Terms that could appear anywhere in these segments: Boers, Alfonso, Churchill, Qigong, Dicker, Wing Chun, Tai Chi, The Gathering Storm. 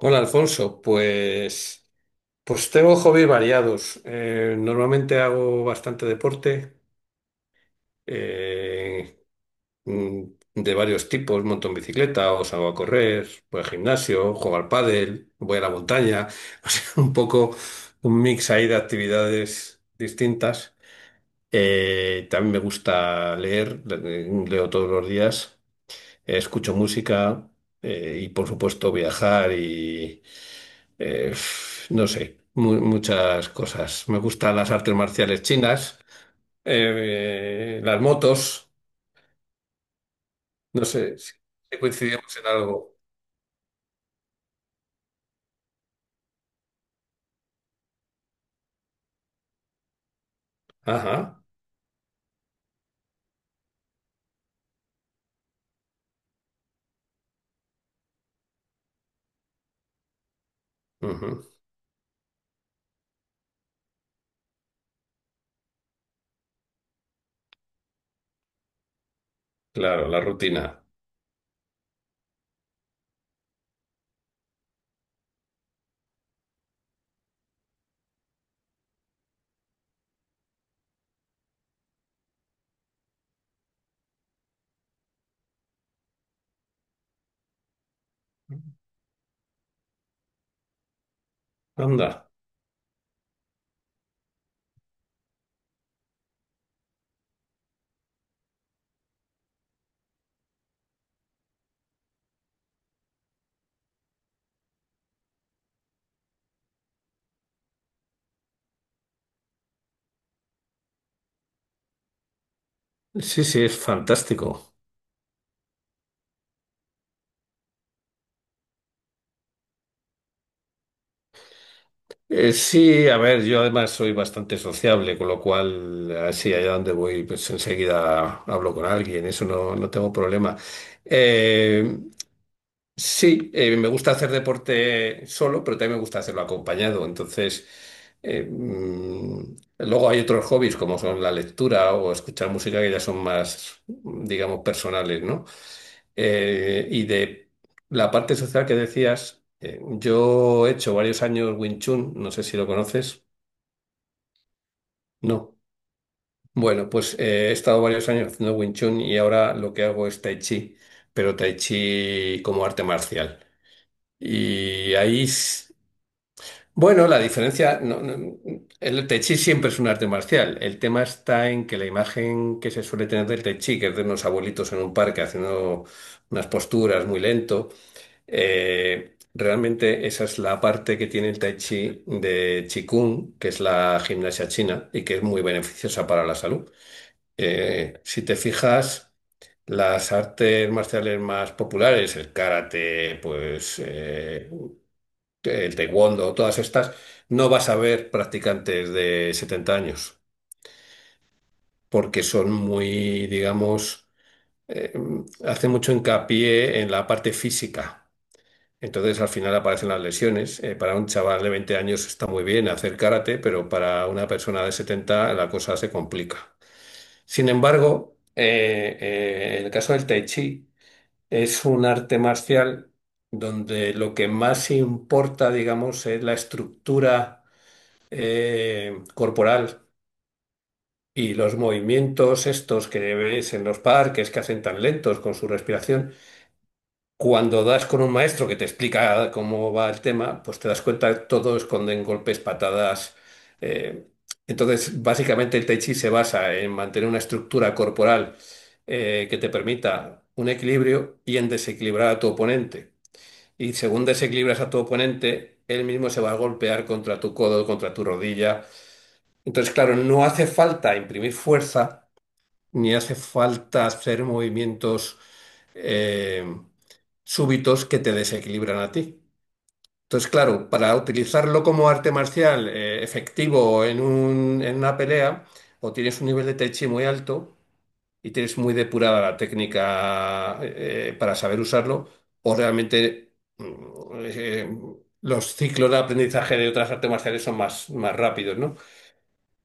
Hola Alfonso, pues, pues tengo hobbies variados. Normalmente hago bastante deporte eh, mm, de varios tipos. Monto en bicicleta o salgo a correr, voy al gimnasio, juego al pádel, voy a la montaña. O sea, un poco un mix ahí de actividades distintas. También me gusta leer, leo todos los días, escucho música y por supuesto viajar eh, no sé, muchas cosas. Me gustan las artes marciales chinas, las motos, no sé si coincidimos en algo. Ajá, ujú. Claro, la rutina. Anda. Sí, sí, es fantástico. Sí, a ver, yo además soy bastante sociable, con lo cual, así allá donde voy, pues enseguida hablo con alguien, eso no, no tengo problema. Eh, Sí, me gusta hacer deporte solo, pero también me gusta hacerlo acompañado. Entonces, luego hay otros hobbies como son la lectura o escuchar música que ya son más, digamos, personales, ¿no? Y de la parte social que decías, yo he hecho varios años Wing Chun, no sé si lo conoces. No. Bueno, pues he estado varios años haciendo Wing Chun y ahora lo que hago es Tai Chi, pero Tai Chi como arte marcial. Y ahí bueno, la diferencia, el Tai Chi siempre es un arte marcial. El tema está en que la imagen que se suele tener del Tai Chi, que es de unos abuelitos en un parque haciendo unas posturas muy lento, realmente esa es la parte que tiene el Tai Chi de Qigong, que es la gimnasia china y que es muy beneficiosa para la salud. Si te fijas, las artes marciales más populares, el karate, pues el taekwondo, todas estas, no vas a ver practicantes de 70 años, porque son muy, digamos, eh, hacen mucho hincapié en la parte física. Entonces al final aparecen las lesiones. Para un chaval de 20 años está muy bien hacer karate, pero para una persona de 70 la cosa se complica. Sin embargo, en el caso del tai chi es un arte marcial donde lo que más importa, digamos, es la estructura corporal, y los movimientos estos que ves en los parques que hacen tan lentos con su respiración, cuando das con un maestro que te explica cómo va el tema, pues te das cuenta que todo esconden golpes, patadas. eh, entonces, básicamente el Tai Chi se basa en mantener una estructura corporal que te permita un equilibrio y en desequilibrar a tu oponente. Y según desequilibras a tu oponente, él mismo se va a golpear contra tu codo, contra tu rodilla. Entonces, claro, no hace falta imprimir fuerza, ni hace falta hacer movimientos eh, súbitos que te desequilibran a ti. Entonces, claro, para utilizarlo como arte marcial efectivo en en una pelea, o tienes un nivel de Tai Chi muy alto y tienes muy depurada la técnica para saber usarlo, o realmente mm, eh, los ciclos de aprendizaje de otras artes marciales son más, más rápidos, ¿no?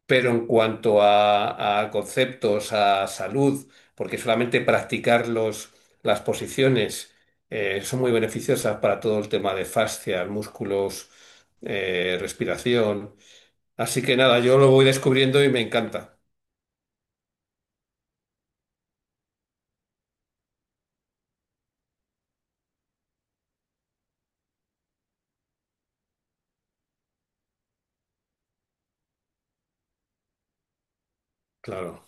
Pero en cuanto a conceptos, a salud, porque solamente practicar las posiciones son muy beneficiosas para todo el tema de fascias, músculos, respiración. Así que nada, yo lo voy descubriendo y me encanta. Claro.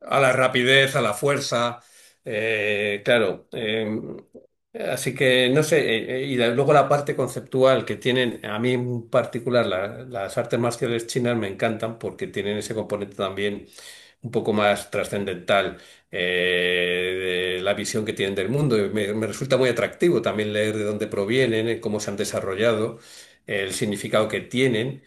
A la rapidez, a la fuerza, claro. Así que no sé, y luego la parte conceptual que tienen, a mí en particular las artes marciales chinas me encantan porque tienen ese componente también un poco más trascendental, de la visión que tienen del mundo. Y me resulta muy atractivo también leer de dónde provienen, cómo se han desarrollado, el significado que tienen.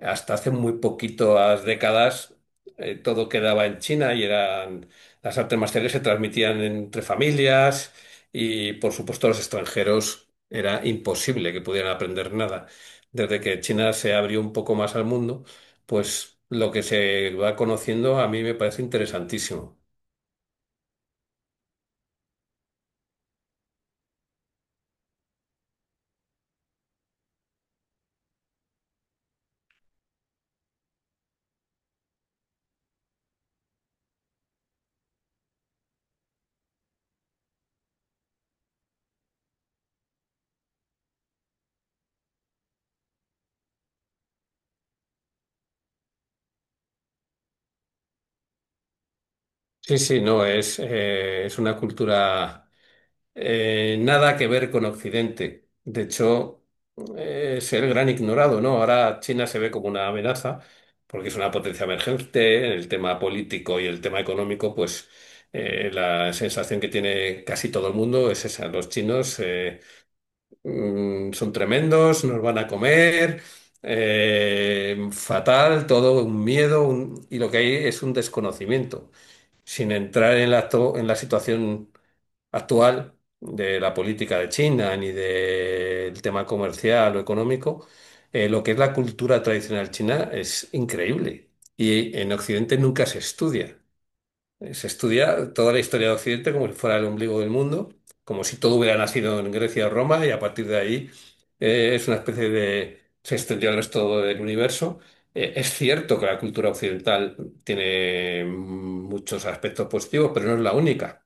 Hasta hace muy poquitas décadas todo quedaba en China y eran las artes marciales se transmitían entre familias y por supuesto los extranjeros era imposible que pudieran aprender nada. Desde que China se abrió un poco más al mundo, pues lo que se va conociendo a mí me parece interesantísimo. Sí, sí, no, es una cultura nada que ver con Occidente. De hecho, es el gran ignorado, ¿no? Ahora China se ve como una amenaza porque es una potencia emergente en el tema político y el tema económico, pues la sensación que tiene casi todo el mundo es esa. Los chinos son tremendos, nos van a comer. Fatal, todo un miedo y lo que hay es un desconocimiento, sin entrar en la, en la situación actual de la política de China ni del tema comercial o económico, lo que es la cultura tradicional china es increíble y en Occidente nunca se estudia. Se estudia toda la historia de Occidente como si fuera el ombligo del mundo, como si todo hubiera nacido en Grecia o Roma y a partir de ahí es una especie de se extendió al resto del universo. Es cierto que la cultura occidental tiene muchos aspectos positivos, pero no es la única.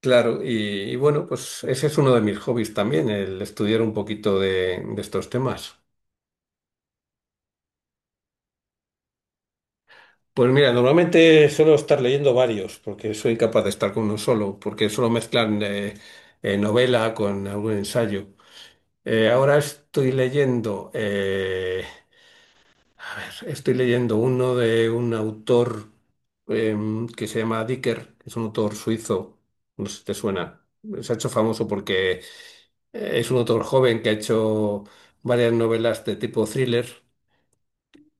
Claro, y bueno, pues ese es uno de mis hobbies también, el estudiar un poquito de estos temas. Pues mira, normalmente suelo estar leyendo varios, porque soy incapaz de estar con uno solo, porque suelo mezclar novela con algún ensayo. Ahora estoy leyendo, a ver, estoy leyendo uno de un autor que se llama Dicker, que es un autor suizo, no sé si te suena. Se ha hecho famoso porque es un autor joven que ha hecho varias novelas de tipo thriller,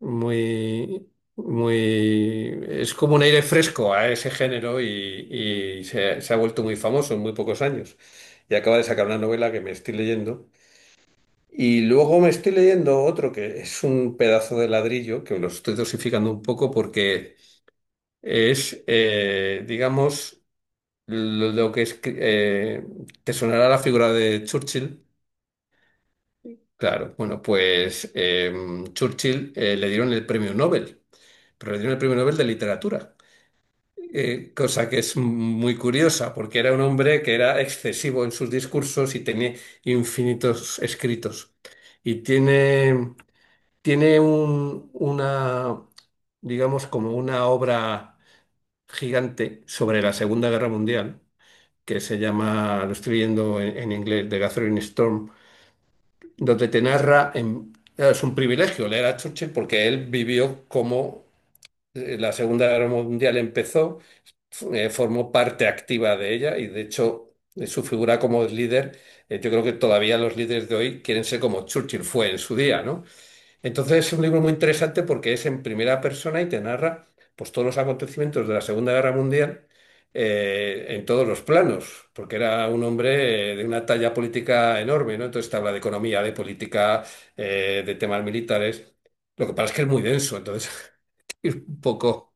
muy, muy, es como un aire fresco a ese género, y se ha vuelto muy famoso en muy pocos años. Y acaba de sacar una novela que me estoy leyendo. Y luego me estoy leyendo otro que es un pedazo de ladrillo, que lo estoy dosificando un poco porque es, digamos, lo que es, te sonará la figura de Churchill. Claro, bueno, pues Churchill le dieron el premio Nobel, pero le dieron el premio Nobel de literatura, cosa que es muy curiosa porque era un hombre que era excesivo en sus discursos y tenía infinitos escritos. Y tiene, tiene una, digamos, como una obra gigante sobre la Segunda Guerra Mundial, que se llama, lo estoy viendo en inglés, The Gathering Storm, donde te narra, es un privilegio leer a Churchill porque él vivió como la Segunda Guerra Mundial empezó, formó parte activa de ella, y de hecho su figura como líder, yo creo que todavía los líderes de hoy quieren ser como Churchill fue en su día, ¿no? Entonces es un libro muy interesante porque es en primera persona y te narra pues, todos los acontecimientos de la Segunda Guerra Mundial en todos los planos, porque era un hombre de una talla política enorme, ¿no? Entonces te habla de economía, de política, de temas militares. Lo que pasa es que es muy denso, entonces ir un poco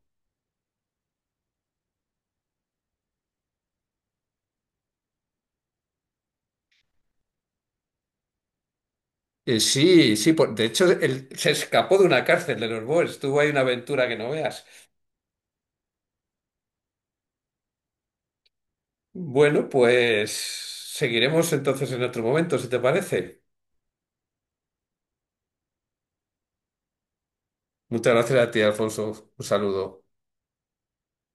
Sí, sí, de hecho él se escapó de una cárcel de los Boers, tuvo ahí una aventura que no veas. Bueno, pues seguiremos entonces en otro momento, si te parece. Muchas gracias a ti, Alfonso. Un saludo.